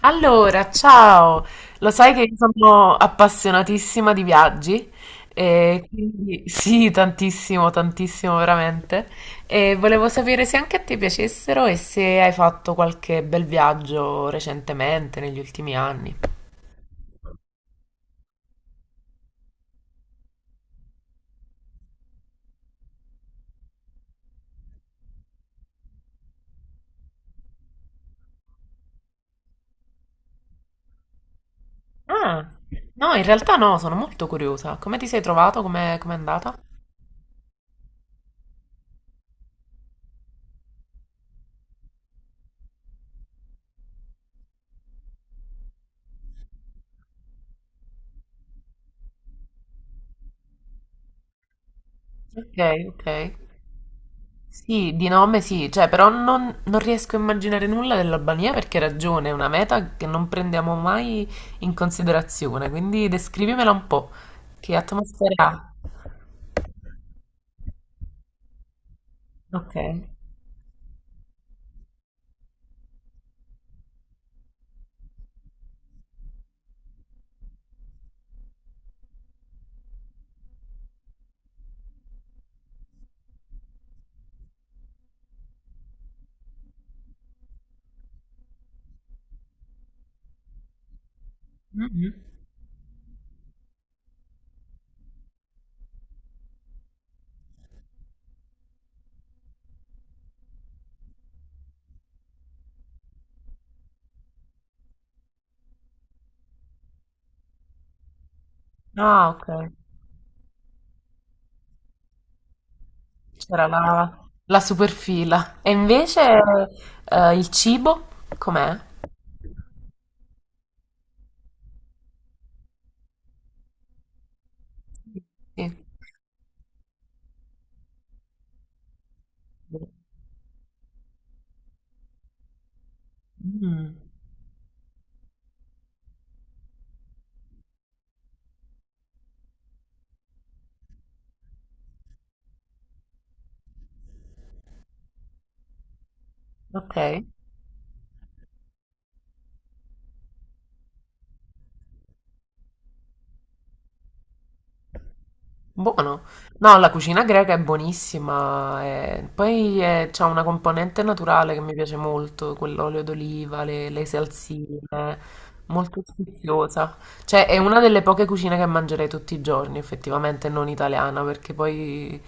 Allora, ciao! Lo sai che io sono appassionatissima di viaggi e quindi sì, tantissimo, tantissimo veramente. E volevo sapere se anche a te piacessero e se hai fatto qualche bel viaggio recentemente, negli ultimi anni. Ah, no, in realtà no, sono molto curiosa. Come ti sei trovato? Come è andata? Ok, ok. Sì, di nome sì, cioè, però non riesco a immaginare nulla dell'Albania perché hai ragione, è una meta che non prendiamo mai in considerazione, quindi descrivimela un po'. Che atmosfera ha? Ok. Mhm. Ah, ok. C'era la superfila. E invece il cibo com'è? Sì. Mm, ok. Buono. No, la cucina greca è buonissima. Poi c'ha una componente naturale che mi piace molto, quell'olio d'oliva, le salsine, molto sfiziosa. Cioè, è una delle poche cucine che mangerei tutti i giorni, effettivamente, non italiana, perché poi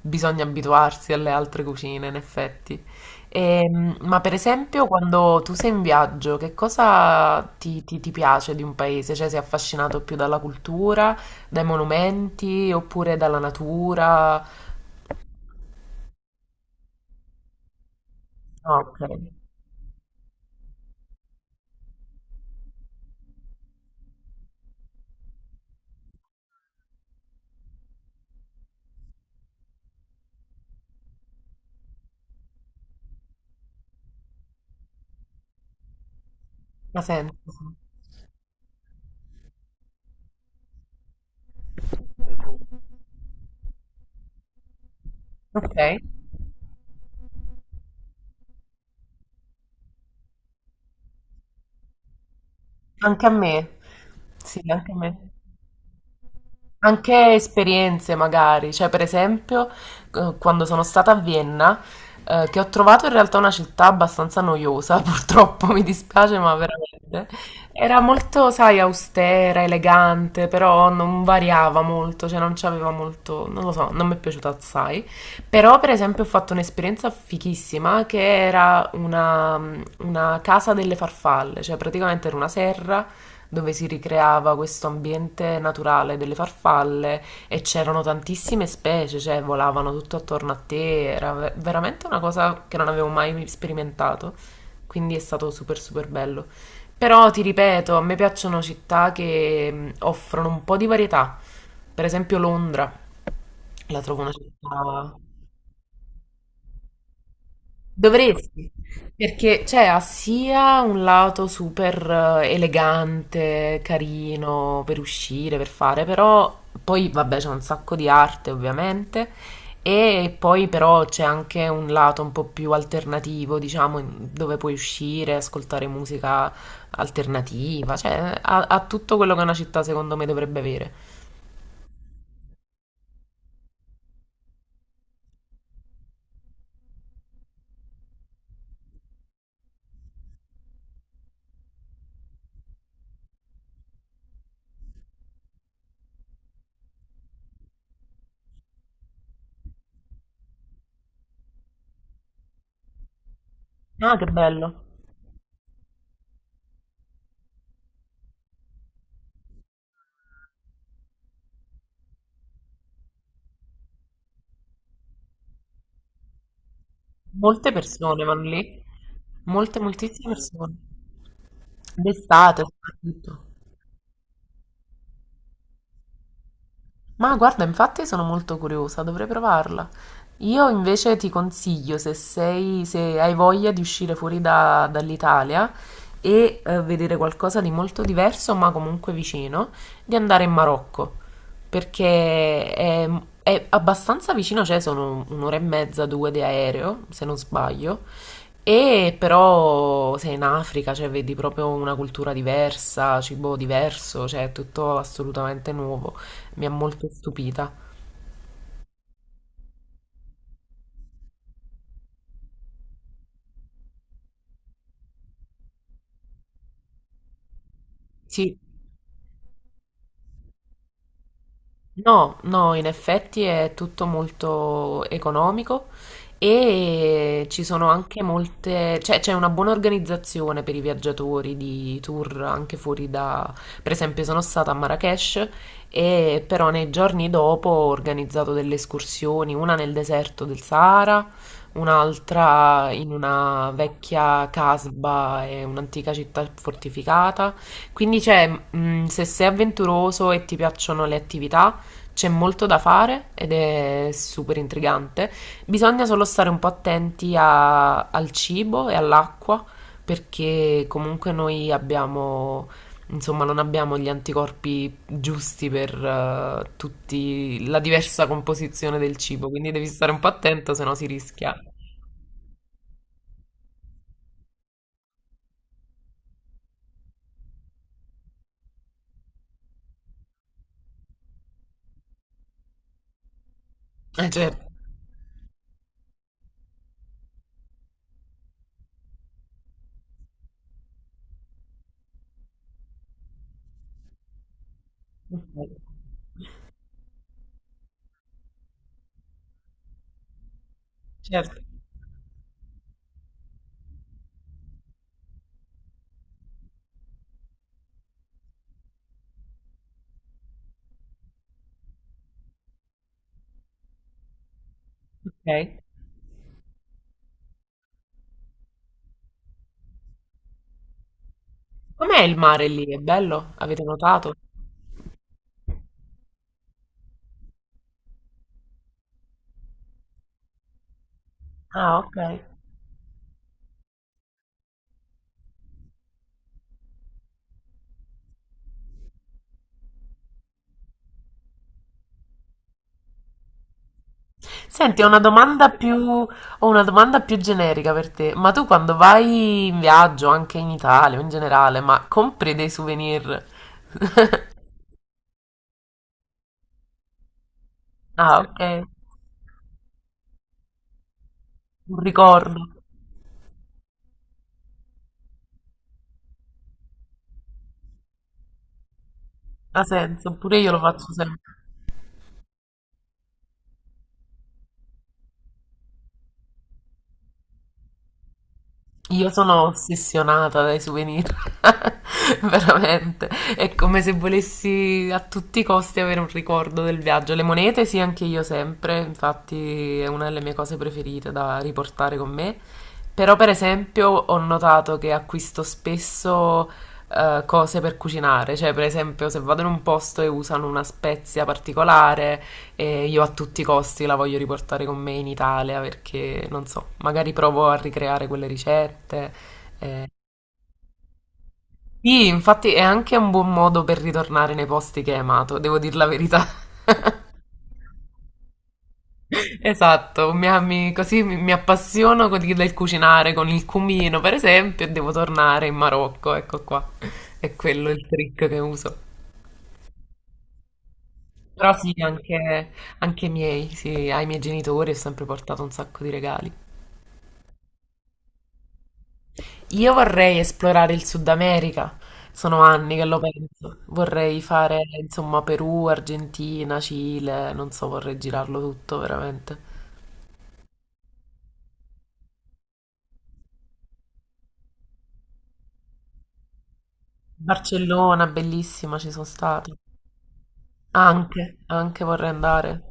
bisogna abituarsi alle altre cucine, in effetti. Ma per esempio, quando tu sei in viaggio, che cosa ti piace di un paese? Cioè, sei affascinato più dalla cultura? Dai monumenti oppure dalla natura? Ah, okay. Ha senso. Okay. Anche a me. Sì, anche a me. Anche esperienze magari, cioè per esempio quando sono stata a Vienna, che ho trovato in realtà una città abbastanza noiosa, purtroppo mi dispiace, ma veramente era molto, sai, austera, elegante, però non variava molto, cioè non c'aveva molto, non lo so, non mi è piaciuta assai. Però per esempio ho fatto un'esperienza fichissima che era una casa delle farfalle, cioè praticamente era una serra dove si ricreava questo ambiente naturale delle farfalle e c'erano tantissime specie, cioè volavano tutto attorno a te, era veramente una cosa che non avevo mai sperimentato, quindi è stato super super bello. Però ti ripeto, a me piacciono città che offrono un po' di varietà, per esempio Londra, la trovo una città. Dovresti, perché cioè, ha sia un lato super elegante, carino per uscire, per fare, però poi vabbè c'è un sacco di arte ovviamente e poi però c'è anche un lato un po' più alternativo, diciamo, dove puoi uscire, ascoltare musica alternativa, cioè ha tutto quello che una città secondo me dovrebbe avere. Ah, che bello. Molte persone vanno lì, molte, moltissime persone. D'estate soprattutto. Ma guarda, infatti sono molto curiosa, dovrei provarla. Io invece ti consiglio, se sei, se hai voglia di uscire fuori dall'Italia e vedere qualcosa di molto diverso, ma comunque vicino, di andare in Marocco, perché è abbastanza vicino, cioè sono un'ora e mezza, due di aereo, se non sbaglio, e però sei in Africa, cioè vedi proprio una cultura diversa, cibo diverso, cioè è tutto assolutamente nuovo, mi ha molto stupita. Sì, no, no, in effetti è tutto molto economico e ci sono anche molte, cioè c'è una buona organizzazione per i viaggiatori di tour anche fuori da, per esempio sono stata a Marrakech e però nei giorni dopo ho organizzato delle escursioni, una nel deserto del Sahara, un'altra in una vecchia casba e un'antica città fortificata. Quindi c'è, se sei avventuroso e ti piacciono le attività, c'è molto da fare ed è super intrigante. Bisogna solo stare un po' attenti al cibo e all'acqua perché comunque noi abbiamo, insomma, non abbiamo gli anticorpi giusti per tutti la diversa composizione del cibo, quindi devi stare un po' attento, se no si rischia. Ok, certo. Ok. Com'è il mare lì? È bello? Avete notato? Ah, ok. Senti, ho una domanda più generica per te. Ma tu quando vai in viaggio, anche in Italia o in generale, ma compri dei souvenir? Ah, sì. Ok, un ricordo. Ha senso, pure io lo faccio sempre. Io sono ossessionata dai souvenir, veramente. È come se volessi a tutti i costi avere un ricordo del viaggio. Le monete, sì, anche io sempre, infatti è una delle mie cose preferite da riportare con me. Però, per esempio, ho notato che acquisto spesso cose per cucinare, cioè, per esempio, se vado in un posto e usano una spezia particolare e io a tutti i costi la voglio riportare con me in Italia perché, non so, magari provo a ricreare quelle ricette. eh. Sì, infatti è anche un buon modo per ritornare nei posti che hai amato, devo dire la verità. Esatto, così mi appassiono del cucinare con il cumino, per esempio, e devo tornare in Marocco, ecco qua. È quello il trick che uso. Però sì, anche, anche i miei, sì, ai miei genitori ho sempre portato un sacco di regali. Io vorrei esplorare il Sud America, sono anni che lo penso. Vorrei fare, insomma, Perù, Argentina, Cile, non so, vorrei girarlo tutto veramente. Barcellona, bellissima, ci sono stata. Anche, anche vorrei andare.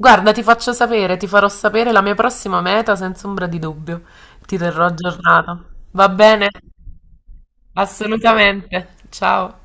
Guarda, ti faccio sapere, ti farò sapere la mia prossima meta senza ombra di dubbio. Ti terrò aggiornata. Va bene? Assolutamente. Ciao.